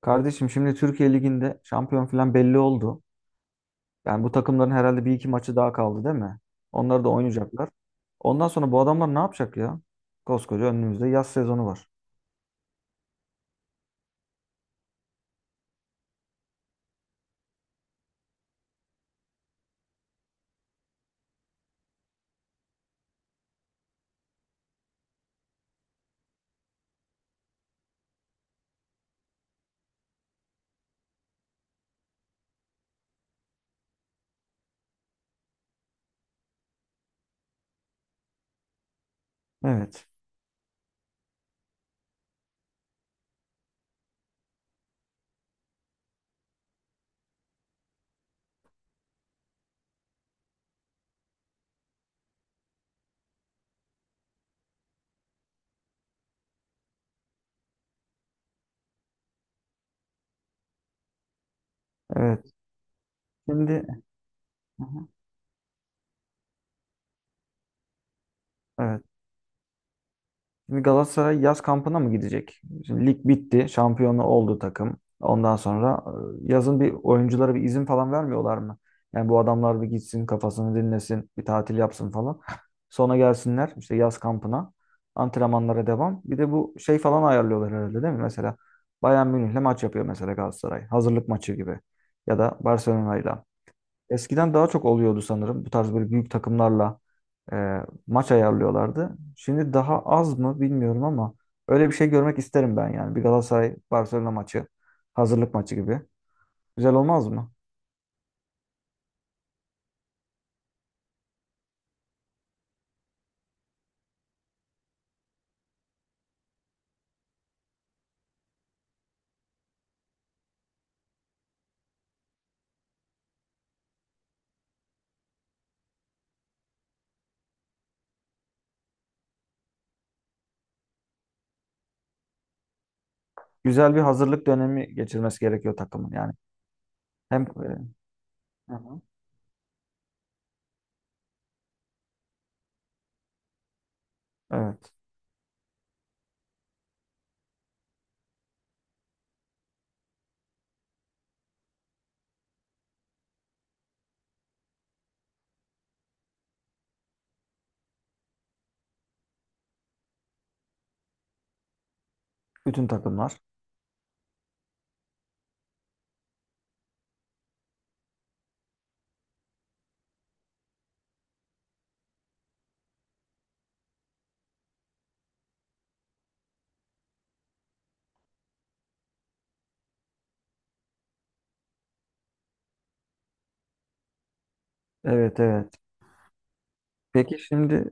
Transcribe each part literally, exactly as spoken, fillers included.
Kardeşim şimdi Türkiye Ligi'nde şampiyon falan belli oldu. Yani bu takımların herhalde bir iki maçı daha kaldı, değil mi? Onları da oynayacaklar. Ondan sonra bu adamlar ne yapacak ya? Koskoca önümüzde yaz sezonu var. Evet. Evet. Şimdi. Hı hı. Evet. Şimdi Galatasaray yaz kampına mı gidecek? Şimdi lig bitti. Şampiyonu oldu takım. Ondan sonra e, yazın bir oyunculara bir izin falan vermiyorlar mı? Yani bu adamlar bir gitsin, kafasını dinlesin. Bir tatil yapsın falan. Sonra gelsinler işte yaz kampına. Antrenmanlara devam. Bir de bu şey falan ayarlıyorlar herhalde, değil mi? Mesela Bayern Münih'le maç yapıyor mesela Galatasaray. Hazırlık maçı gibi. Ya da Barcelona'yla. Eskiden daha çok oluyordu sanırım. Bu tarz böyle büyük takımlarla e, maç ayarlıyorlardı. Şimdi daha az mı bilmiyorum ama öyle bir şey görmek isterim ben yani. Bir Galatasaray-Barcelona maçı, hazırlık maçı gibi. Güzel olmaz mı? Güzel bir hazırlık dönemi geçirmesi gerekiyor takımın yani. Hem e, Hı hı. Evet, bütün takımlar. Evet evet. Peki şimdi.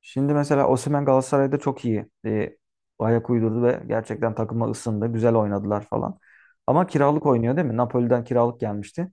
Şimdi mesela Osimhen Galatasaray'da çok iyi e, ayak uydurdu ve gerçekten takıma ısındı. Güzel oynadılar falan. Ama kiralık oynuyor, değil mi? Napoli'den kiralık gelmişti.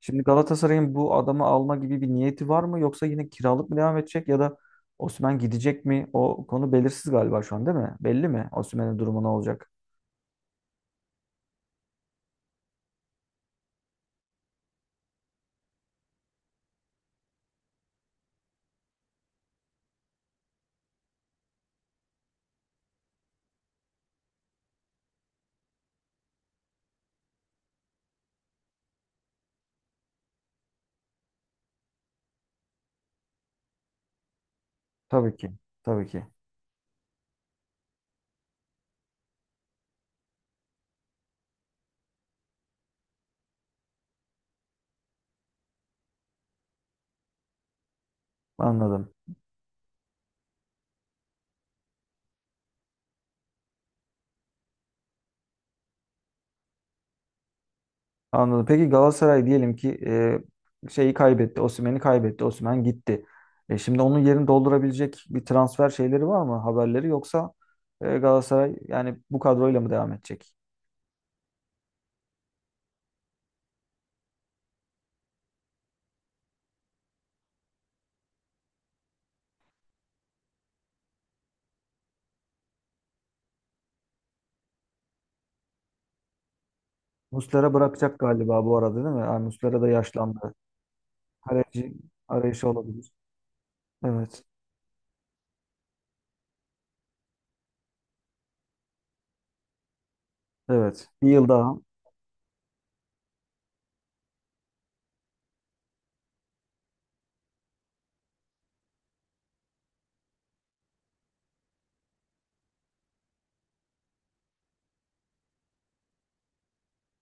Şimdi Galatasaray'ın bu adamı alma gibi bir niyeti var mı? Yoksa yine kiralık mı devam edecek ya da Osimhen gidecek mi? O konu belirsiz galiba şu an, değil mi? Belli mi? Osimhen'in durumu ne olacak? Tabii ki. Tabii ki. Anladım. Anladım. Peki Galatasaray diyelim ki e, şeyi kaybetti. Osimhen'i kaybetti. Osimhen gitti. E, şimdi onun yerini doldurabilecek bir transfer şeyleri var mı? Haberleri yoksa e, Galatasaray yani bu kadroyla mı devam edecek? Muslera bırakacak galiba bu arada, değil mi? Yani Muslera da yaşlandı. Kaleci arayışı olabilir. Evet. Evet. Bir yıl daha.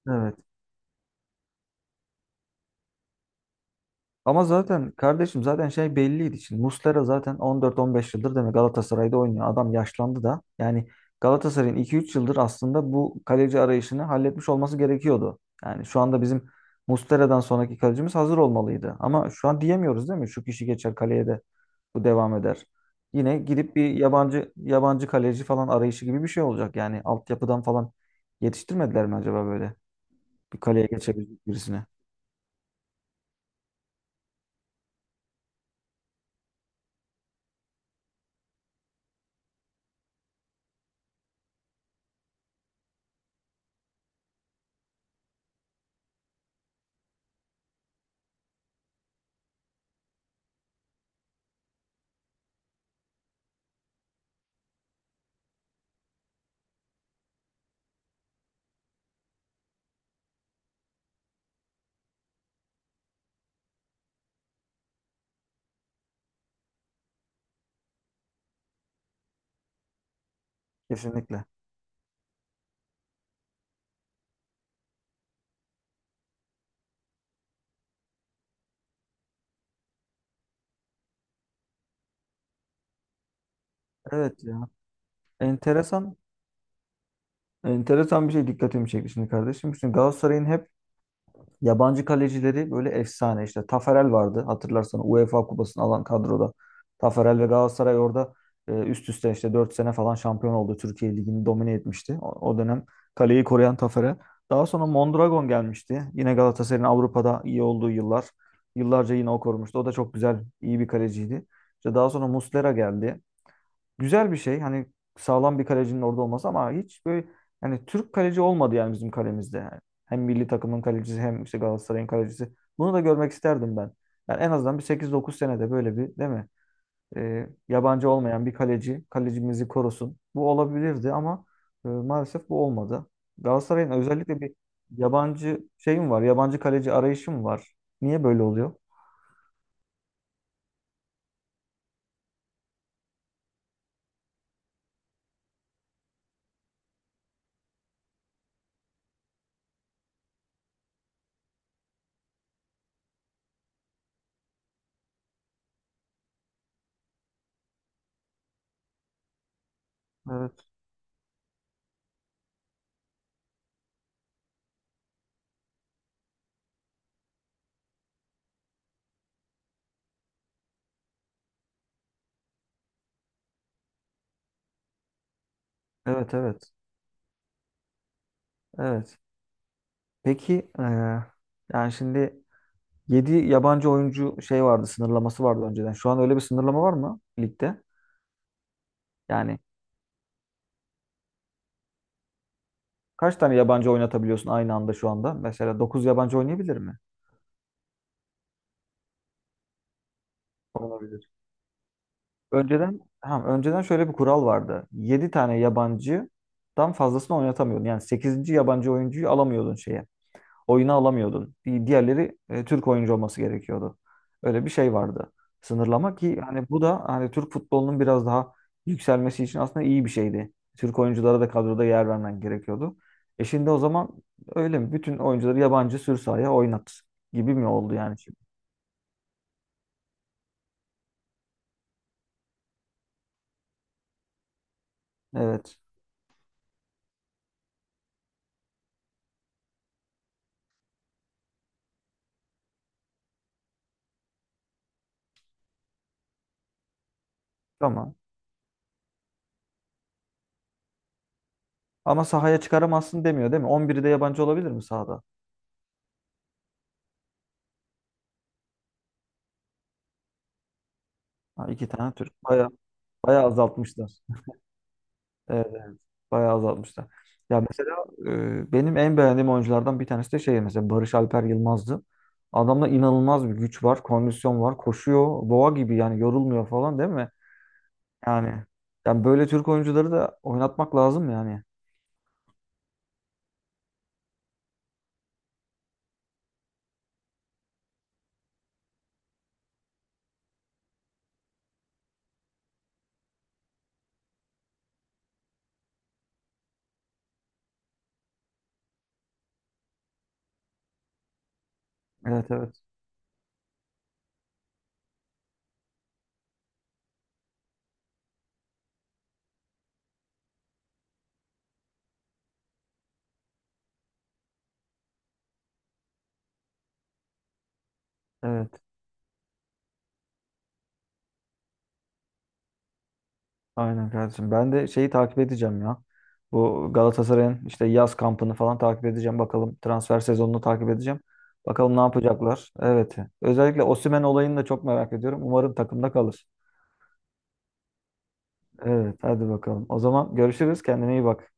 Evet. Ama zaten kardeşim zaten şey belliydi. Şimdi Muslera zaten on dört on beş yıldır demek Galatasaray'da oynuyor. Adam yaşlandı da. Yani Galatasaray'ın iki üç yıldır aslında bu kaleci arayışını halletmiş olması gerekiyordu. Yani şu anda bizim Muslera'dan sonraki kalecimiz hazır olmalıydı. Ama şu an diyemiyoruz, değil mi? Şu kişi geçer kaleye de bu devam eder. Yine gidip bir yabancı yabancı kaleci falan arayışı gibi bir şey olacak. Yani altyapıdan falan yetiştirmediler mi acaba böyle? Bir kaleye geçebilecek birisine. Kesinlikle. Evet ya. Enteresan Enteresan bir şey dikkatimi çekti şimdi kardeşim. Şimdi Galatasaray'ın hep yabancı kalecileri böyle efsane. İşte Taferel vardı, hatırlarsan, UEFA kupasını alan kadroda. Taferel ve Galatasaray orada e, üst üste işte dört sene falan şampiyon oldu. Türkiye Ligi'ni domine etmişti. O, o dönem kaleyi koruyan Taferel. Daha sonra Mondragon gelmişti. Yine Galatasaray'ın Avrupa'da iyi olduğu yıllar. Yıllarca yine o korumuştu. O da çok güzel, iyi bir kaleciydi. İşte daha sonra Muslera geldi, güzel bir şey. Hani sağlam bir kalecinin orada olması ama hiç böyle, yani Türk kaleci olmadı yani bizim kalemizde. Yani hem milli takımın kalecisi, hem işte Galatasaray'ın kalecisi. Bunu da görmek isterdim ben. Yani en azından bir sekiz dokuz senede böyle bir, değil mi? Ee, yabancı olmayan bir kaleci kalecimizi korusun. Bu olabilirdi ama e, maalesef bu olmadı. Galatasaray'ın özellikle bir yabancı şeyim var. Yabancı kaleci arayışım var. Niye böyle oluyor? Evet, evet, evet. Evet. Peki, e, yani şimdi. Yedi yabancı oyuncu şey vardı, sınırlaması vardı önceden. Şu an öyle bir sınırlama var mı ligde? Yani kaç tane yabancı oynatabiliyorsun aynı anda şu anda? Mesela dokuz yabancı oynayabilir mi? Olabilir. Önceden ha, önceden şöyle bir kural vardı. Yedi tane yabancıdan fazlasını oynatamıyordun. Yani sekizinci yabancı oyuncuyu alamıyordun şeye. Oyunu alamıyordun. Di- Diğerleri e, Türk oyuncu olması gerekiyordu. Öyle bir şey vardı. Sınırlama ki hani bu da hani Türk futbolunun biraz daha yükselmesi için aslında iyi bir şeydi. Türk oyunculara da kadroda yer vermen gerekiyordu. E şimdi o zaman öyle mi? Bütün oyuncuları yabancı sür sahaya oynat gibi mi oldu yani şimdi? Evet. Tamam. Ama sahaya çıkaramazsın demiyor, değil mi? On biri de yabancı olabilir mi sahada? Ha, iki tane Türk. Baya, baya azaltmışlar. Evet, evet. Bayağı azaltmışlar. Ya mesela e, benim en beğendiğim oyunculardan bir tanesi de şey mesela Barış Alper Yılmaz'dı. Adamda inanılmaz bir güç var, kondisyon var, koşuyor, boğa gibi yani yorulmuyor falan, değil mi? Yani yani böyle Türk oyuncuları da oynatmak lazım yani. Evet evet. Evet. Aynen kardeşim. Ben de şeyi takip edeceğim ya. Bu Galatasaray'ın işte yaz kampını falan takip edeceğim. Bakalım, transfer sezonunu takip edeceğim. Bakalım ne yapacaklar. Evet. Özellikle Osimhen olayını da çok merak ediyorum. Umarım takımda kalır. Evet, hadi bakalım. O zaman görüşürüz. Kendine iyi bak.